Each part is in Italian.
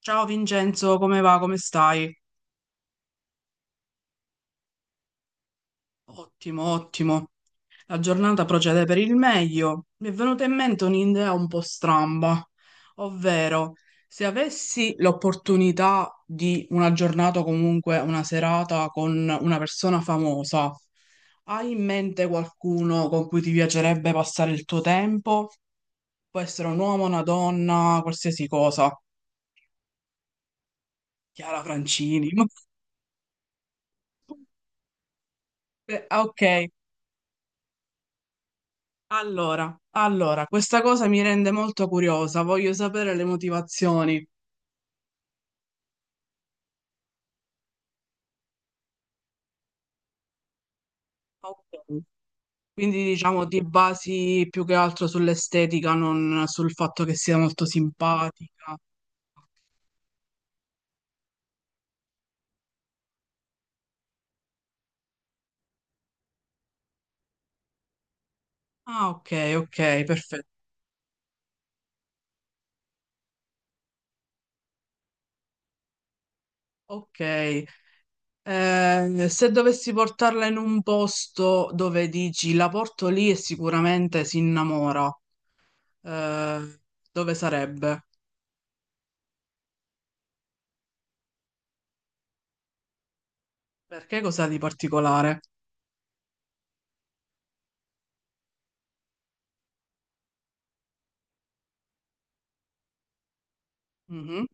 Ciao Vincenzo, come va? Come stai? Ottimo, ottimo. La giornata procede per il meglio. Mi è venuta in mente un'idea un po' stramba, ovvero se avessi l'opportunità di una giornata o comunque una serata con una persona famosa, hai in mente qualcuno con cui ti piacerebbe passare il tuo tempo? Può essere un uomo, una donna, qualsiasi cosa. Chiara Francini. Ok. Allora, questa cosa mi rende molto curiosa, voglio sapere le motivazioni. Ok. Quindi diciamo ti basi più che altro sull'estetica, non sul fatto che sia molto simpatica. Ah, ok, ok, perfetto. Ok. Se dovessi portarla in un posto dove dici la porto lì e sicuramente si innamora, eh, dove sarebbe? Perché cosa di particolare? Mhm,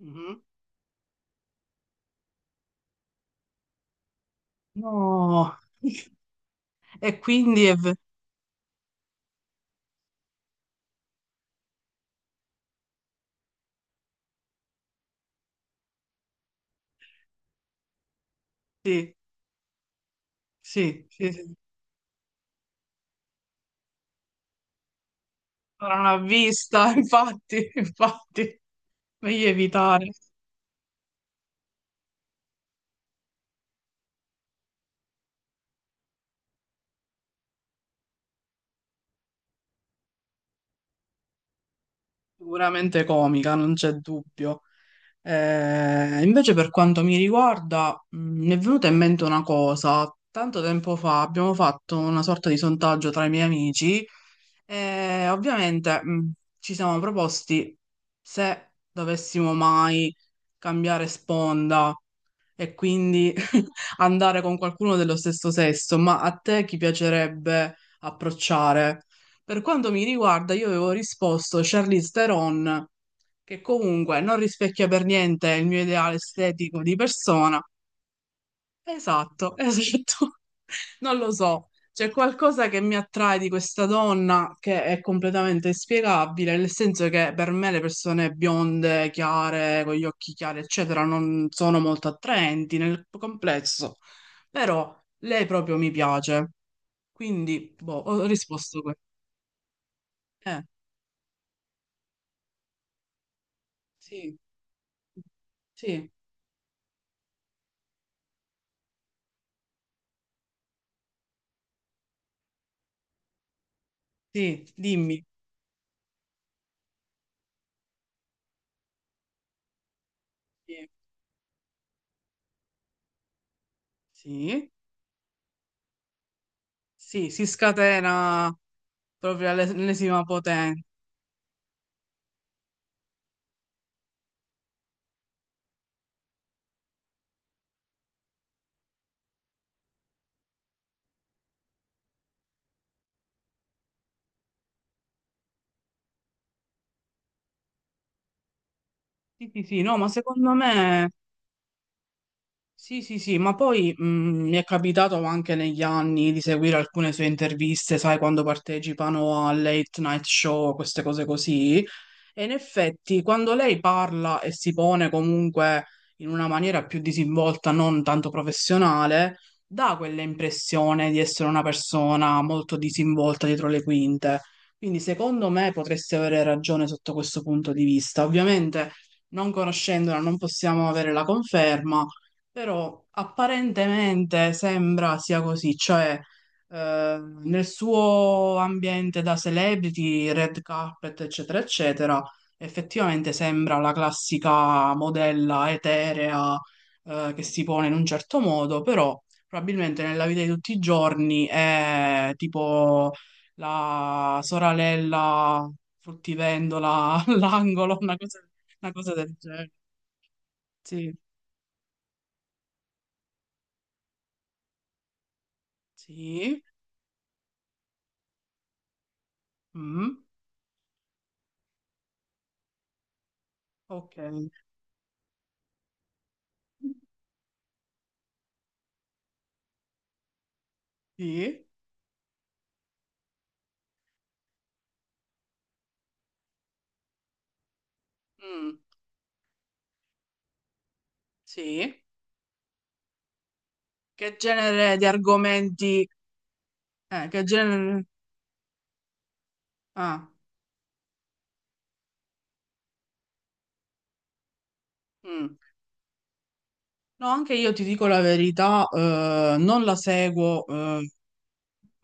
mhm. No. E quindi è ve- sì, sì, sì, sì. Ora non ha vista, infatti, infatti, meglio evitare. Sicuramente comica, non c'è dubbio. Invece per quanto mi riguarda, mi è venuta in mente una cosa. Tanto tempo fa abbiamo fatto una sorta di sondaggio tra i miei amici e ovviamente ci siamo proposti se dovessimo mai cambiare sponda e quindi andare con qualcuno dello stesso sesso, ma a te chi piacerebbe approcciare? Per quanto mi riguarda, io avevo risposto Charlize Theron, che comunque non rispecchia per niente il mio ideale estetico di persona. Esatto, esatto. Non lo so. C'è qualcosa che mi attrae di questa donna che è completamente inspiegabile, nel senso che per me le persone bionde, chiare, con gli occhi chiari, eccetera, non sono molto attraenti nel complesso. Però lei proprio mi piace. Quindi, boh, ho risposto questo. Eh, sì, sì, sì, dimmi. Sì, sì, sì, sì, si scatena proprio all'ennesima potenza. Sì, sì, sì, no, ma secondo me sì, sì, sì, ma poi mi è capitato anche negli anni di seguire alcune sue interviste, sai, quando partecipano a late night show, queste cose così. E in effetti, quando lei parla e si pone comunque in una maniera più disinvolta, non tanto professionale, dà quell'impressione di essere una persona molto disinvolta dietro le quinte. Quindi, secondo me, potresti avere ragione sotto questo punto di vista. Ovviamente, non conoscendola, non possiamo avere la conferma, però apparentemente sembra sia così, cioè nel suo ambiente da celebrity, red carpet, eccetera, eccetera. Effettivamente sembra la classica modella eterea, che si pone in un certo modo, però probabilmente nella vita di tutti i giorni è tipo la soralella fruttivendola all'angolo, una cosa del genere. Sì, sì, mm, ok, sì, mm, sì. Che genere di argomenti? Che genere? Ah, mm. No, anche io ti dico la verità, non la seguo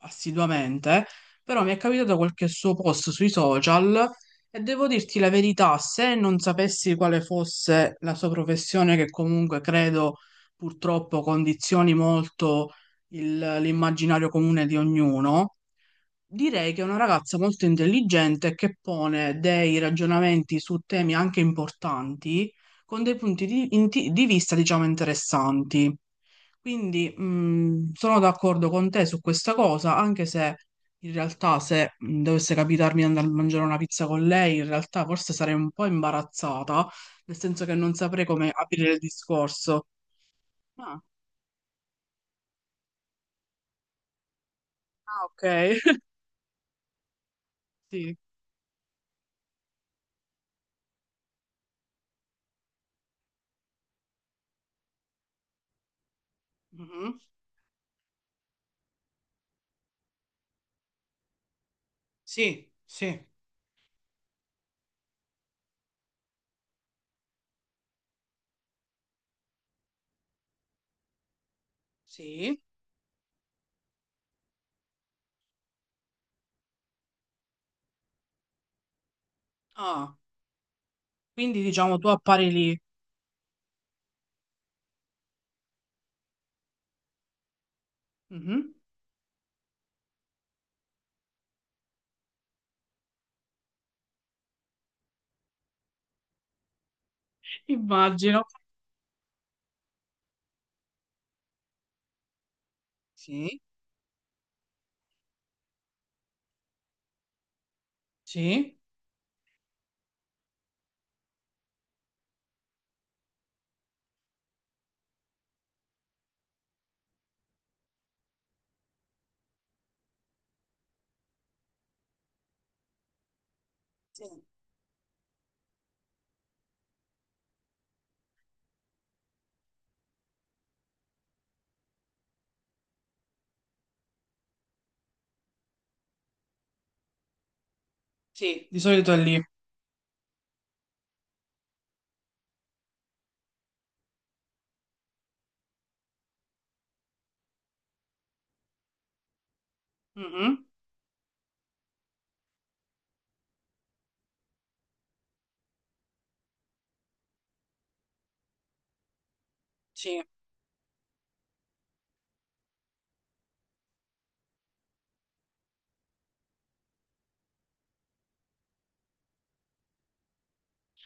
assiduamente, però mi è capitato qualche suo post sui social e devo dirti la verità, se non sapessi quale fosse la sua professione, che comunque credo purtroppo condizioni molto l'immaginario comune di ognuno, direi che è una ragazza molto intelligente che pone dei ragionamenti su temi anche importanti con dei punti di vista, diciamo, interessanti. Quindi sono d'accordo con te su questa cosa, anche se in realtà se dovesse capitarmi di andare a mangiare una pizza con lei, in realtà forse sarei un po' imbarazzata, nel senso che non saprei come aprire il discorso. Ah, ah, ok. Sì. Mhm. Sì, sì. Sì. Ah, quindi diciamo tu appari lì. Mhm. Immagino. Sì. Sì. Sì. Sì, di solito è lì. Mhm. Sì.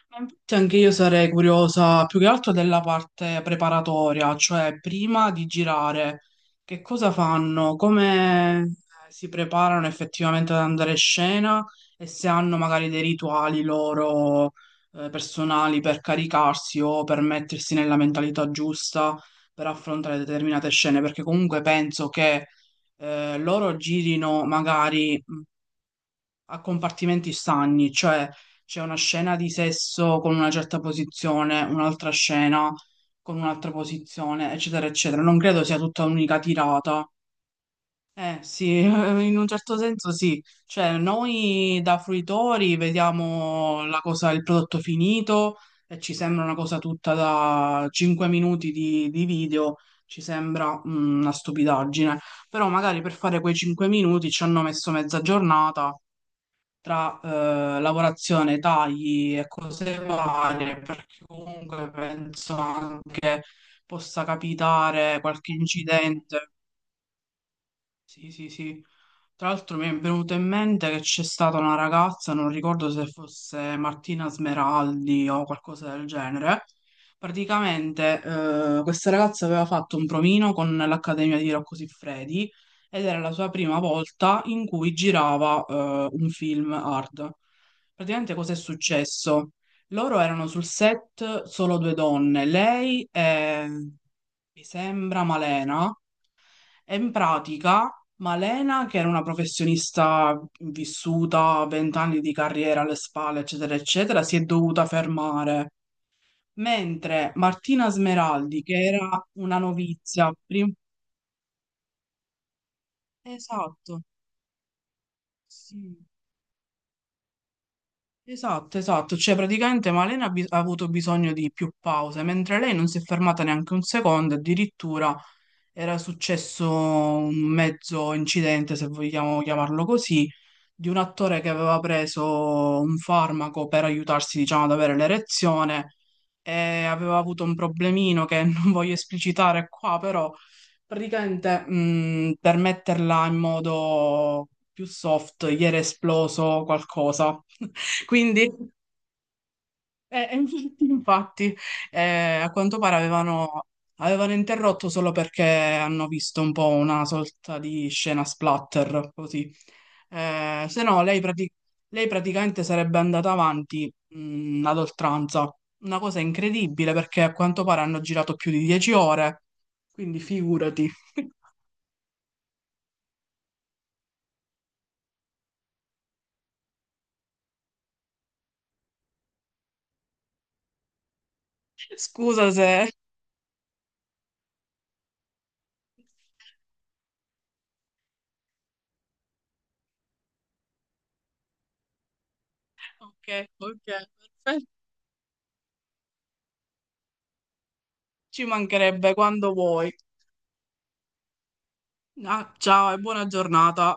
Ma infatti anche io sarei curiosa più che altro della parte preparatoria, cioè prima di girare, che cosa fanno, come si preparano effettivamente ad andare in scena e se hanno magari dei rituali loro personali per caricarsi o per mettersi nella mentalità giusta per affrontare determinate scene, perché comunque penso che loro girino magari a compartimenti stagni, cioè c'è una scena di sesso con una certa posizione, un'altra scena con un'altra posizione, eccetera, eccetera. Non credo sia tutta un'unica tirata. Eh sì, in un certo senso sì. Cioè, noi da fruitori vediamo la cosa, il prodotto finito e ci sembra una cosa tutta da 5 minuti di video, ci sembra una stupidaggine. Però magari per fare quei 5 minuti ci hanno messo mezza giornata tra lavorazione, tagli e cose varie, perché comunque penso anche possa capitare qualche incidente sì, sì, sì. Tra l'altro mi è venuto in mente che c'è stata una ragazza, non ricordo se fosse Martina Smeraldi o qualcosa del genere. Praticamente questa ragazza aveva fatto un provino con l'Accademia di Rocco Siffredi ed era la sua prima volta in cui girava un film hard. Praticamente cosa è successo? Loro erano sul set solo due donne, lei e mi sembra Malena. E in pratica, Malena, che era una professionista vissuta, 20 anni di carriera alle spalle, eccetera, eccetera, si è dovuta fermare, mentre Martina Smeraldi, che era una novizia. Esatto, sì, esatto, esatto, cioè praticamente Malena ha avuto bisogno di più pause, mentre lei non si è fermata neanche un secondo, addirittura era successo un mezzo incidente, se vogliamo chiamarlo così di un attore che aveva preso un farmaco per aiutarsi, diciamo, ad avere l'erezione e aveva avuto un problemino che non voglio esplicitare qua, però praticamente per metterla in modo più soft, gli era esploso qualcosa. Quindi infatti, infatti, a quanto pare avevano interrotto solo perché hanno visto un po' una sorta di scena splatter, così. Se no, lei praticamente sarebbe andata avanti, ad oltranza. Una cosa incredibile perché a quanto pare hanno girato più di 10 ore, quindi figurati. Scusa se. Ok, ok, perfetto. Ci mancherebbe quando vuoi. Ah, ciao e buona giornata.